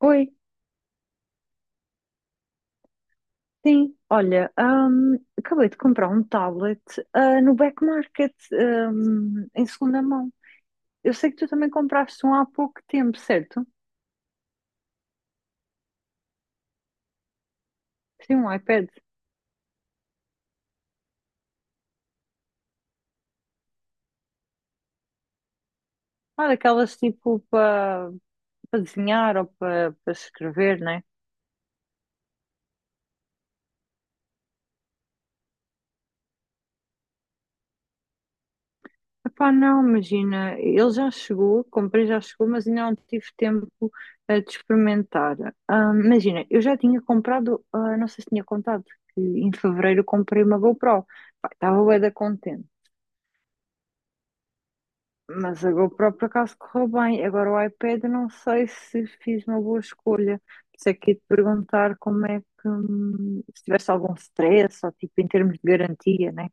Oi, sim. Olha, acabei de comprar um tablet, no Back Market, em segunda mão. Eu sei que tu também compraste um há pouco tempo, certo? Sim, um iPad. Ah, daquelas tipo para desenhar ou para escrever, né? Epá, não, imagina, ele já chegou, comprei já chegou, mas ainda não tive tempo de experimentar. Ah, imagina, eu já tinha comprado, não sei se tinha contado, que em fevereiro comprei uma GoPro. Pá, estava bué da contente. Mas a GoPro por acaso correu bem. Agora o iPad, eu não sei se fiz uma boa escolha. Por isso é que ia te perguntar como é que, se tivesse algum stress, ou tipo em termos de garantia, né?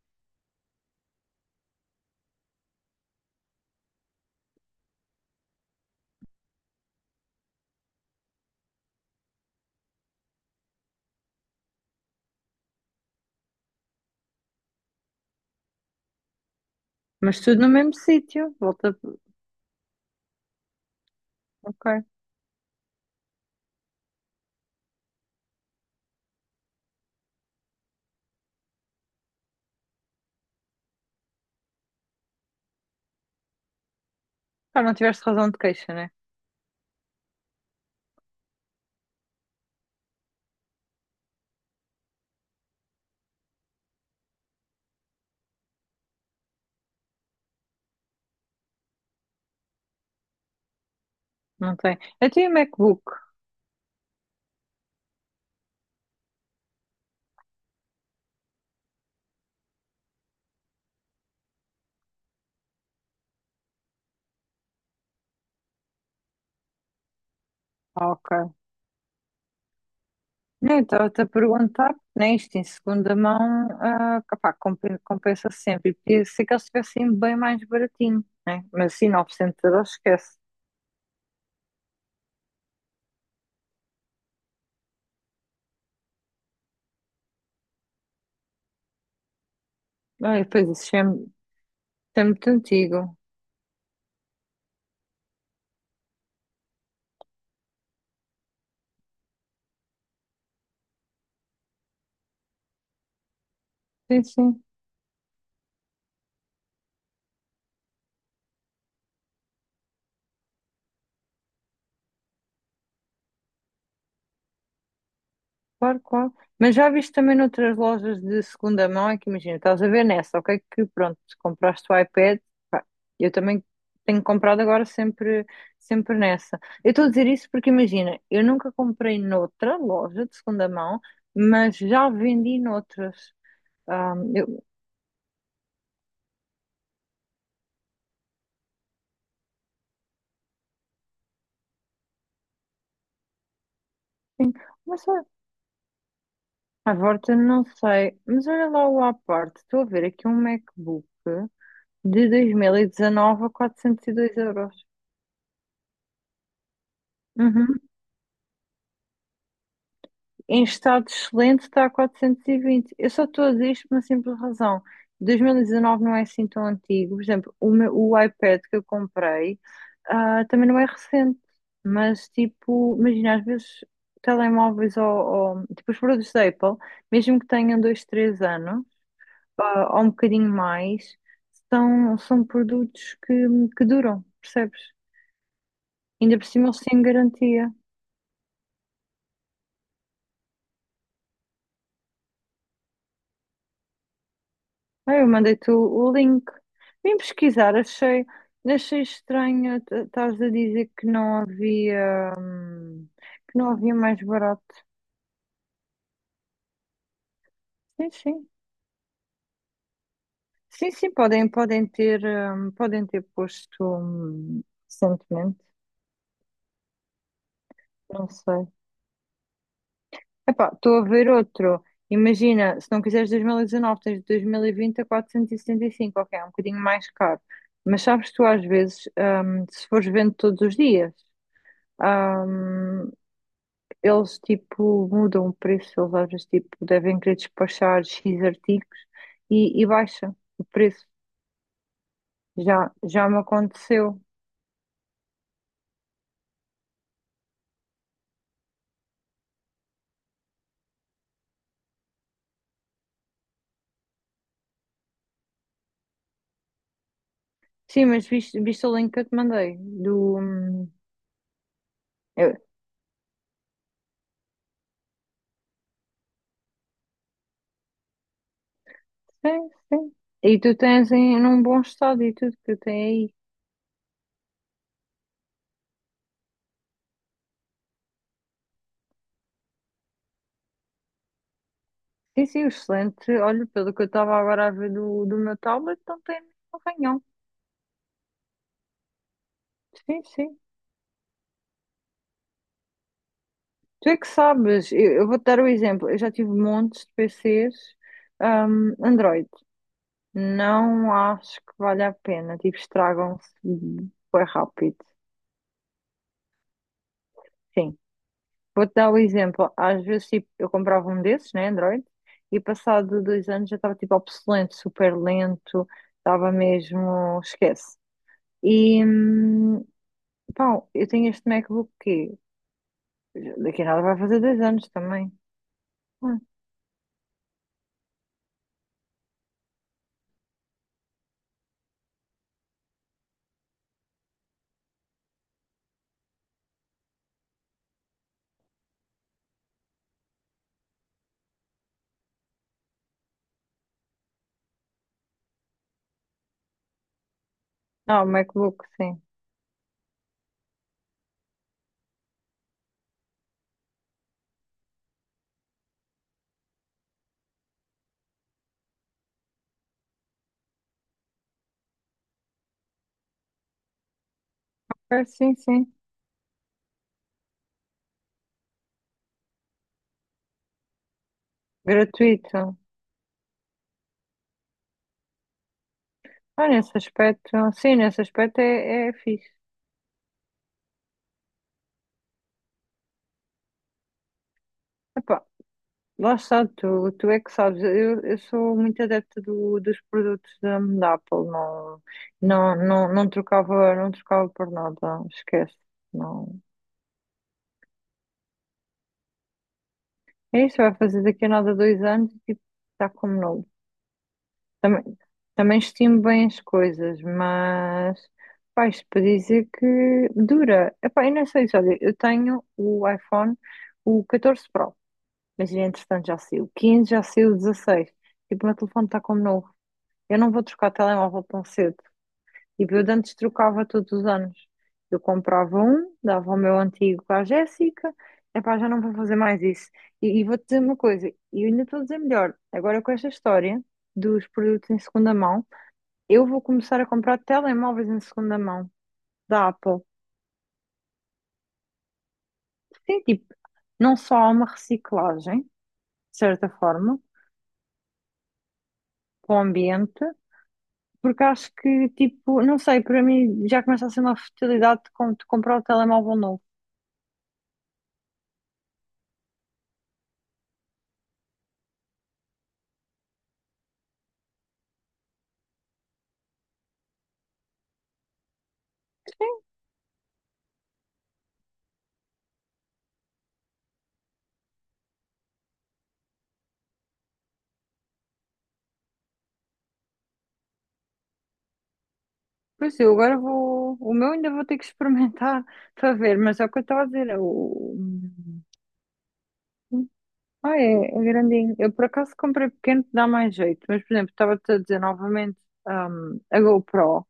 Mas tudo no mesmo sítio. Volta. Ok. Ah, não tiveste razão de queixa, né? Não tem. Eu tenho MacBook. Ah, ok. Não, estava-te a perguntar, né? Isto em segunda mão, ah, pá, compensa sempre. E podia ser que eles estivessem bem mais baratinho, né? Mas assim, 900 euros, esquece. Ah, e depois isso é muito antigo. Sim, sim, claro, claro. Mas já viste também noutras lojas de segunda mão, é que imagina, estás a ver nessa, ok? Que pronto, compraste o iPad, pá, eu também tenho comprado agora sempre, sempre nessa. Eu estou a dizer isso porque imagina, eu nunca comprei noutra loja de segunda mão, mas já vendi noutras. Ah, eu, sim, mas olha, à volta não sei, mas olha lá o à parte, estou a ver aqui um MacBook de 2019 a 402 euros. Uhum. Em estado excelente está a 420. Eu só estou a dizer isto por uma simples razão. 2019 não é assim tão antigo. Por exemplo, o iPad que eu comprei, também não é recente. Mas, tipo, imagina, às vezes telemóveis tipo os produtos da Apple, mesmo que tenham dois três anos, ou um bocadinho mais, são produtos que duram, percebes? Ainda por cima eles têm garantia. Eu mandei-te o link. Vim pesquisar, achei estranho estares a dizer que não havia mais barato. Sim, sim. Sim, sim, podem ter posto, recentemente, não sei. Epá, estou a ver outro. Imagina, se não quiseres 2019 tens 2020 a 475 ok, é um bocadinho mais caro. Mas sabes tu às vezes, se fores vendo todos os dias. hum, Eles tipo mudam o preço, eles às vezes tipo devem querer despachar X artigos e baixa o preço. Já me aconteceu. Sim, mas viste o link que eu te mandei do. Eu- sim, sim. E tu tens em num bom estado e tudo que tem aí. Sim, sim, excelente. Olha, pelo que eu estava agora a ver do meu tablet, não tem nenhum arranhão. Sim, sim. Tu é que sabes. Eu vou-te dar o exemplo. Eu já tive montes de PCs, Android. Não acho que vale a pena. Tipo, estragam-se bem rápido. Sim. Vou-te dar o exemplo. Às vezes, tipo, eu comprava um desses, né, Android, e passado dois anos já estava, tipo, obsoleto, super lento. Estava mesmo… esquece. E, hum, Pá, eu tenho este MacBook que daqui a nada vai fazer dois anos também. Hum. Ah, o MacBook, sim. É, sim, sim. Gratuito. Ah, nesse aspecto, sim, nesse aspecto é, é fixe. Epá, lá está, tu é que sabes. Eu sou muito adepta dos produtos da Apple, não, não, não, não trocava, não trocava por nada, esquece. Não. É isso, vai fazer daqui a nada dois anos e tipo, está como novo. Também, também estimo bem as coisas, mas pá, isto para dizer que dura. Epá, eu não sei isso, olha, eu tenho o iPhone, o 14 Pro, mas entretanto já saiu o 15, já saiu o 16. Tipo, o meu telefone está como novo. Eu não vou trocar telemóvel tão cedo. E eu de antes trocava todos os anos. Eu comprava um, dava o meu antigo para a Jéssica. Epá, já não vou fazer mais isso. E vou-te dizer uma coisa, e eu ainda estou a dizer melhor. Agora com esta história dos produtos em segunda mão, eu vou começar a comprar telemóveis em segunda mão da Apple. Sim, tipo, não só há uma reciclagem, de certa forma, para o ambiente, porque acho que, tipo, não sei, para mim já começa a ser uma futilidade de comprar o telemóvel novo. Pois eu agora vou. O meu ainda vou ter que experimentar para ver, mas é o que eu estava a dizer. É o… Ah, é, é grandinho. Eu por acaso comprei pequeno que dá mais jeito, mas por exemplo, estava-te a dizer novamente, a GoPro,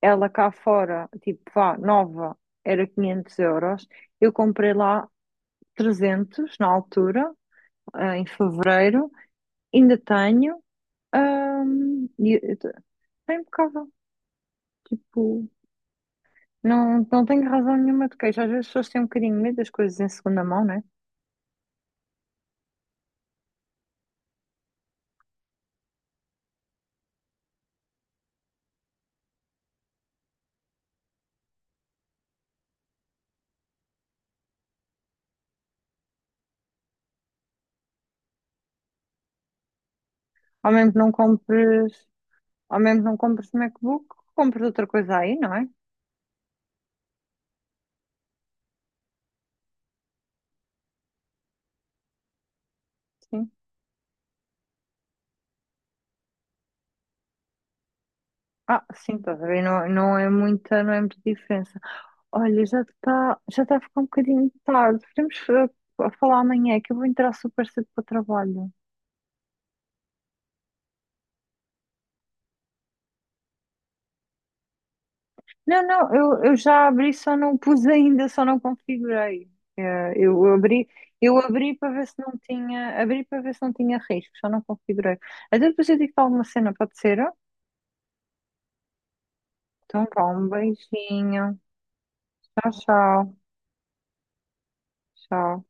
ela cá fora, tipo, vá, nova, era 500 euros. Eu comprei lá 300 na altura, em fevereiro, ainda tenho, hum, e e- é impecável. Tipo, não, não tenho razão nenhuma de queixa. Às vezes as pessoas têm um bocadinho de medo das coisas em segunda mão, não é? Ao mesmo que não compres, ao mesmo que não compres MacBook, compres outra coisa aí, não é? Sim. Ah, sim, estás a ver? Não, não é muita, não é muita diferença. Olha, já está a ficar um bocadinho tarde. Podemos falar amanhã, que eu vou entrar super cedo para o trabalho. Não, não, eu já abri, só não pus ainda, só não configurei. Eh, eu abri, eu abri para ver se não tinha, abri para ver se não tinha risco, só não configurei. Até depois eu digo alguma cena, pode ser? Então, vá, um beijinho. Tchau, tchau. Tchau.